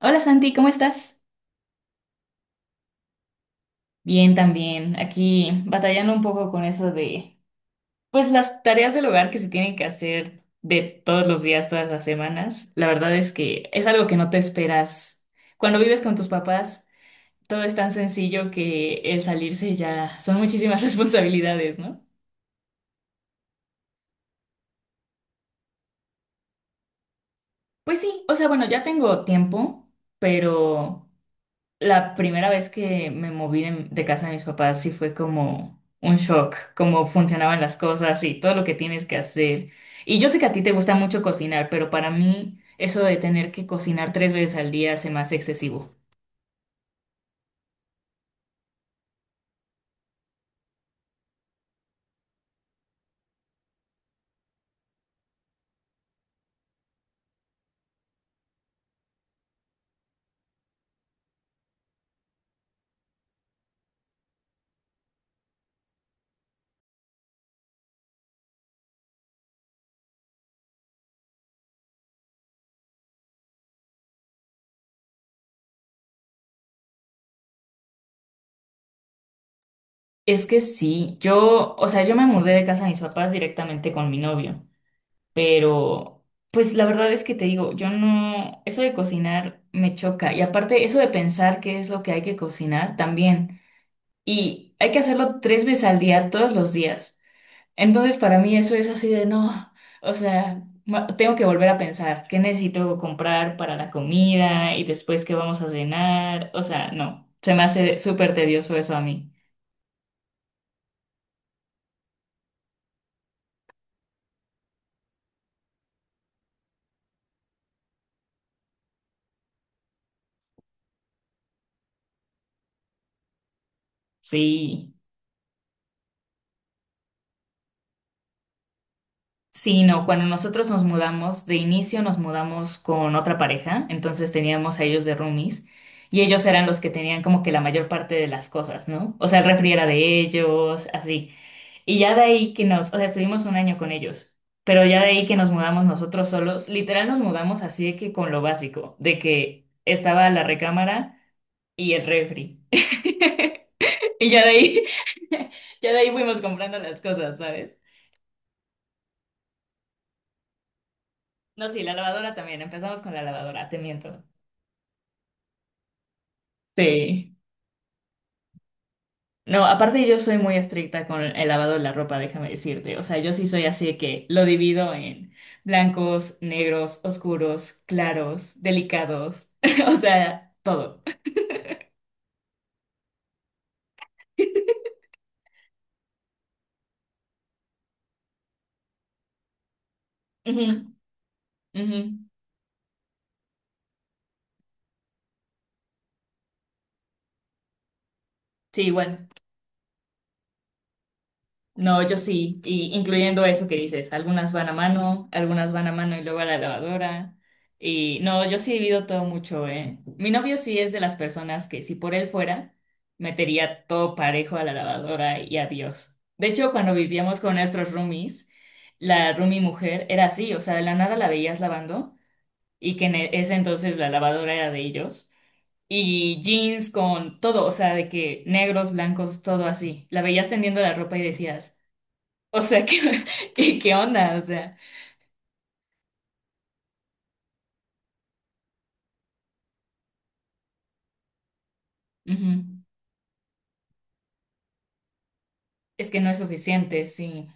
Hola Santi, ¿cómo estás? Bien, también. Aquí batallando un poco con eso de, pues las tareas del hogar que se tienen que hacer de todos los días, todas las semanas. La verdad es que es algo que no te esperas. Cuando vives con tus papás, todo es tan sencillo que el salirse ya son muchísimas responsabilidades, ¿no? Pues sí, o sea, bueno, ya tengo tiempo, pero la primera vez que me moví de casa de mis papás sí fue como un shock, cómo funcionaban las cosas y todo lo que tienes que hacer. Y yo sé que a ti te gusta mucho cocinar, pero para mí eso de tener que cocinar 3 veces al día se me hace excesivo. Es que sí, yo, o sea, yo me mudé de casa de mis papás directamente con mi novio, pero pues la verdad es que te digo, yo no, eso de cocinar me choca y aparte eso de pensar qué es lo que hay que cocinar también. Y hay que hacerlo 3 veces al día, todos los días. Entonces, para mí eso es así de no, o sea, tengo que volver a pensar qué necesito comprar para la comida y después qué vamos a cenar. O sea, no, se me hace súper tedioso eso a mí. Sí, sí, no, cuando nosotros nos mudamos, de inicio nos mudamos con otra pareja, entonces teníamos a ellos de roomies. Y ellos eran los que tenían como que la mayor parte de las cosas, ¿no? O sea, el refri era de ellos, así. Y ya de ahí que nos, o sea, estuvimos un año con ellos, pero ya de ahí que nos mudamos nosotros solos, literal nos mudamos así de que con lo básico, de que estaba la recámara y el refri. Y ya de ahí, ya de ahí fuimos comprando las cosas, ¿sabes? No, sí, la lavadora también, empezamos con la lavadora, te miento. Sí. No, aparte yo soy muy estricta con el lavado de la ropa, déjame decirte. O sea, yo sí soy así de que lo divido en blancos, negros, oscuros, claros, delicados, o sea, todo. Ujú, ujú. Sí, igual. No, yo sí, y incluyendo eso que dices, algunas van a mano, algunas van a mano y luego a la lavadora. Y no, yo sí divido todo mucho, ¿eh? Mi novio sí es de las personas que si por él fuera, metería todo parejo a la lavadora y adiós. De hecho, cuando vivíamos con nuestros roomies, la roomie mujer era así, o sea, de la nada la veías lavando y que en ese entonces la lavadora era de ellos. Y jeans con todo, o sea, de que negros, blancos, todo así. La veías tendiendo la ropa y decías... O sea, ¿qué onda? O sea, ujú. Es que no es suficiente, sí.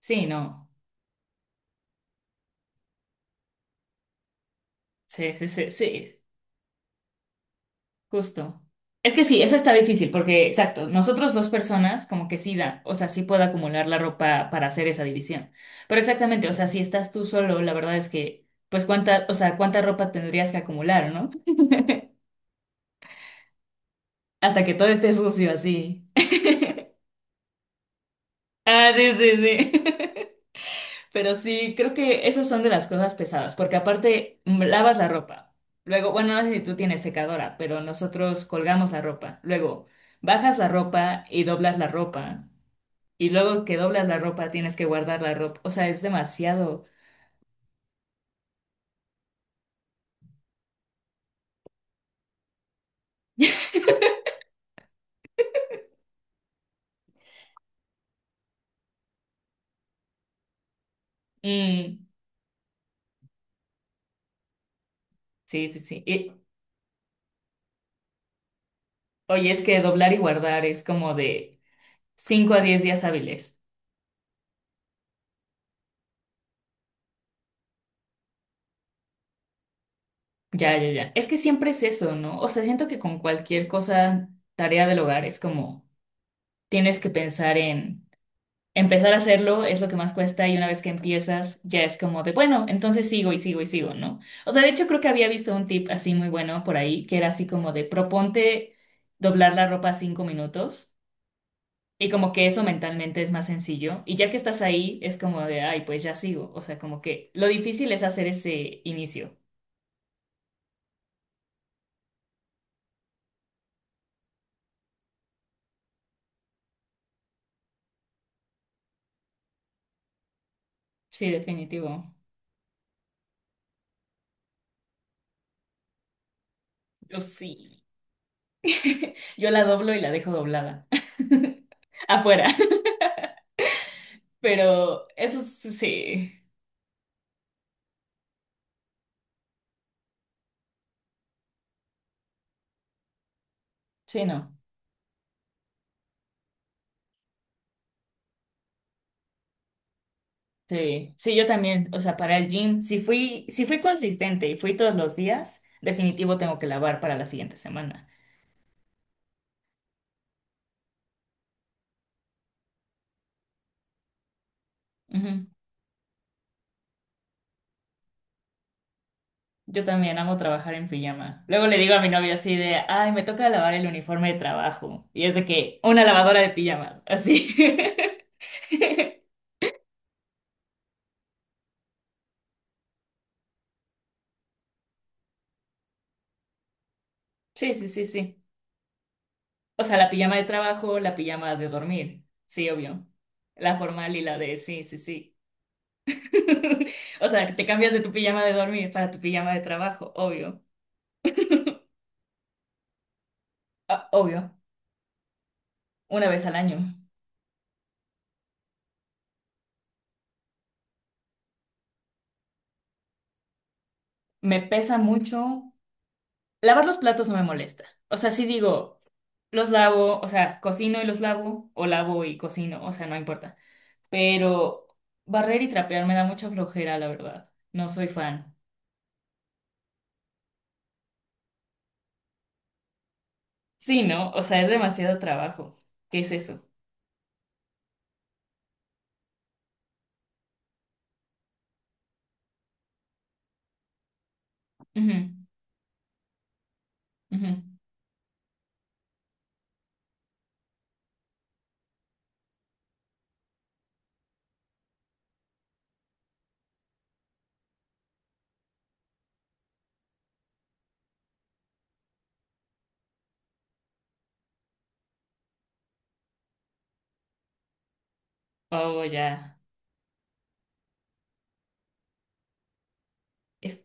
Sí, no. Sí, sí, sí, sí, justo. Es que sí, esa está difícil porque, exacto, nosotros dos personas como que sí da, o sea, sí puedo acumular la ropa para hacer esa división. Pero exactamente, o sea, si estás tú solo, la verdad es que, pues cuántas, o sea, cuánta ropa tendrías que acumular, ¿no? Hasta que todo esté sucio así. Ah, sí, sí, sí. Pero sí, creo que esas son de las cosas pesadas, porque aparte lavas la ropa. Luego, bueno, no sé si tú tienes secadora, pero nosotros colgamos la ropa. Luego, bajas la ropa y doblas la ropa. Y luego que doblas la ropa, tienes que guardar la ropa. O sea, es demasiado. Mm, sí, sí, sí. Y, oye, es que doblar y guardar es como de 5 a 10 días hábiles. Ya, ya, ya. Es que siempre es eso, ¿no? O sea, siento que con cualquier cosa, tarea del hogar, es como tienes que pensar en. Empezar a hacerlo es lo que más cuesta y una vez que empiezas ya es como de, bueno, entonces sigo y sigo y sigo, ¿no? O sea, de hecho creo que había visto un tip así muy bueno por ahí, que era así como de, proponte doblar la ropa 5 minutos y como que eso mentalmente es más sencillo y ya que estás ahí es como de, ay, pues ya sigo, o sea, como que lo difícil es hacer ese inicio. Sí, definitivo. Yo sí. Yo la doblo y la dejo doblada. Afuera. Pero eso sí. Sí, no. Sí, sí, yo también, o sea, para el gym, si fui consistente y fui todos los días, definitivo tengo que lavar para la siguiente semana. Ujú. Yo también amo trabajar en pijama. Luego le digo a mi novio así de, ay, me toca lavar el uniforme de trabajo. Y es de que, una lavadora de pijamas, así. Sí, sí, sí, sí. O sea, la pijama de trabajo, la pijama de dormir, sí, obvio. La formal y la de, sí, sí, sí. O sea, te cambias de tu pijama de dormir para tu pijama de trabajo, obvio. Ah, obvio. Una vez al año. Me pesa mucho. Lavar los platos no me molesta. O sea, sí digo, los lavo, o sea, cocino y los lavo, o lavo y cocino, o sea, no importa. Pero barrer y trapear me da mucha flojera, la verdad. No soy fan. Sí, ¿no? O sea, es demasiado trabajo. ¿Qué es eso? Ujú, ujú. Oh, ya. Es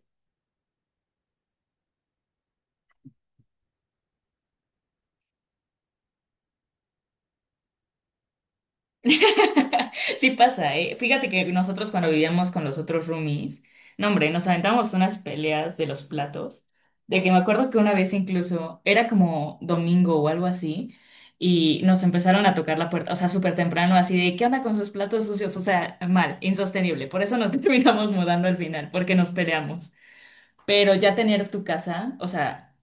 sí pasa, ¿eh? Fíjate que nosotros cuando vivíamos con los otros roomies, no hombre, nos aventamos unas peleas de los platos, de que me acuerdo que una vez incluso era como domingo o algo así, y nos empezaron a tocar la puerta, o sea, súper temprano, así de, ¿qué onda con sus platos sucios? O sea, mal, insostenible. Por eso nos terminamos mudando al final, porque nos peleamos. Pero ya tener tu casa, o sea,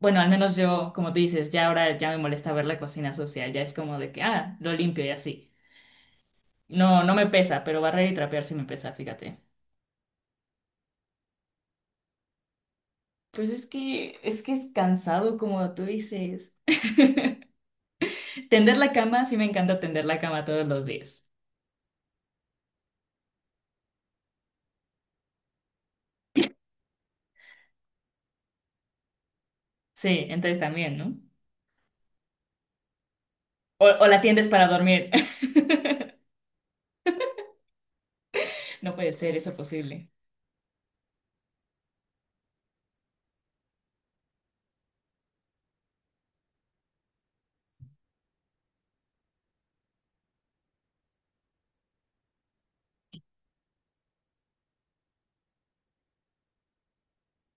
bueno, al menos yo, como tú dices, ya ahora ya me molesta ver la cocina sucia, ya es como de que, ah, lo limpio y así. No, no me pesa, pero barrer y trapear sí me pesa, fíjate. Pues es que, es que es cansado, como tú dices. Tender la cama, sí me encanta tender la cama todos los días. Sí, entonces también, ¿no? O la tiendes para dormir. No puede ser eso posible.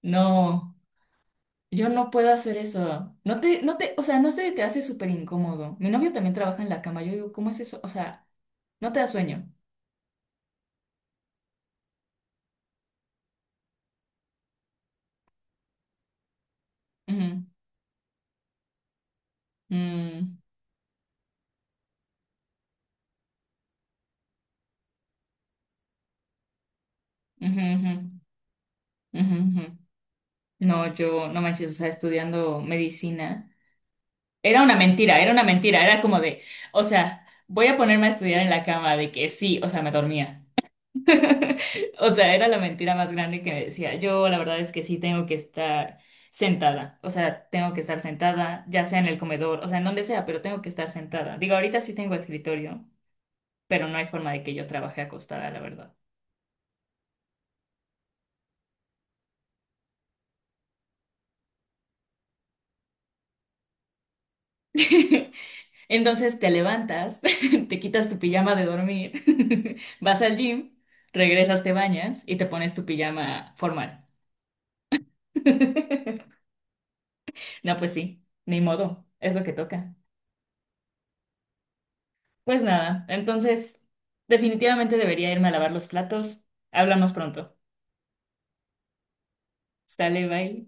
No, yo no puedo hacer eso. No te, o sea, no se te hace súper incómodo. Mi novio también trabaja en la cama. Yo digo, ¿cómo es eso? O sea, no te da sueño. Ujú, mm, ujú, ujú, ujú, ujú. No, yo, no manches, o sea, estudiando medicina. Era una mentira, era una mentira, era como de, o sea, voy a ponerme a estudiar en la cama, de que sí, o sea, me dormía. O sea, era la mentira más grande que me decía. Yo, la verdad es que sí tengo que estar sentada, o sea, tengo que estar sentada, ya sea en el comedor, o sea, en donde sea, pero tengo que estar sentada. Digo, ahorita sí tengo escritorio, pero no hay forma de que yo trabaje acostada, la verdad. Entonces te levantas, te quitas tu pijama de dormir, vas al gym, regresas, te bañas y te pones tu pijama formal. No, pues sí, ni modo, es lo que toca. Pues nada, entonces definitivamente debería irme a lavar los platos. Hablamos pronto. Sale, bye.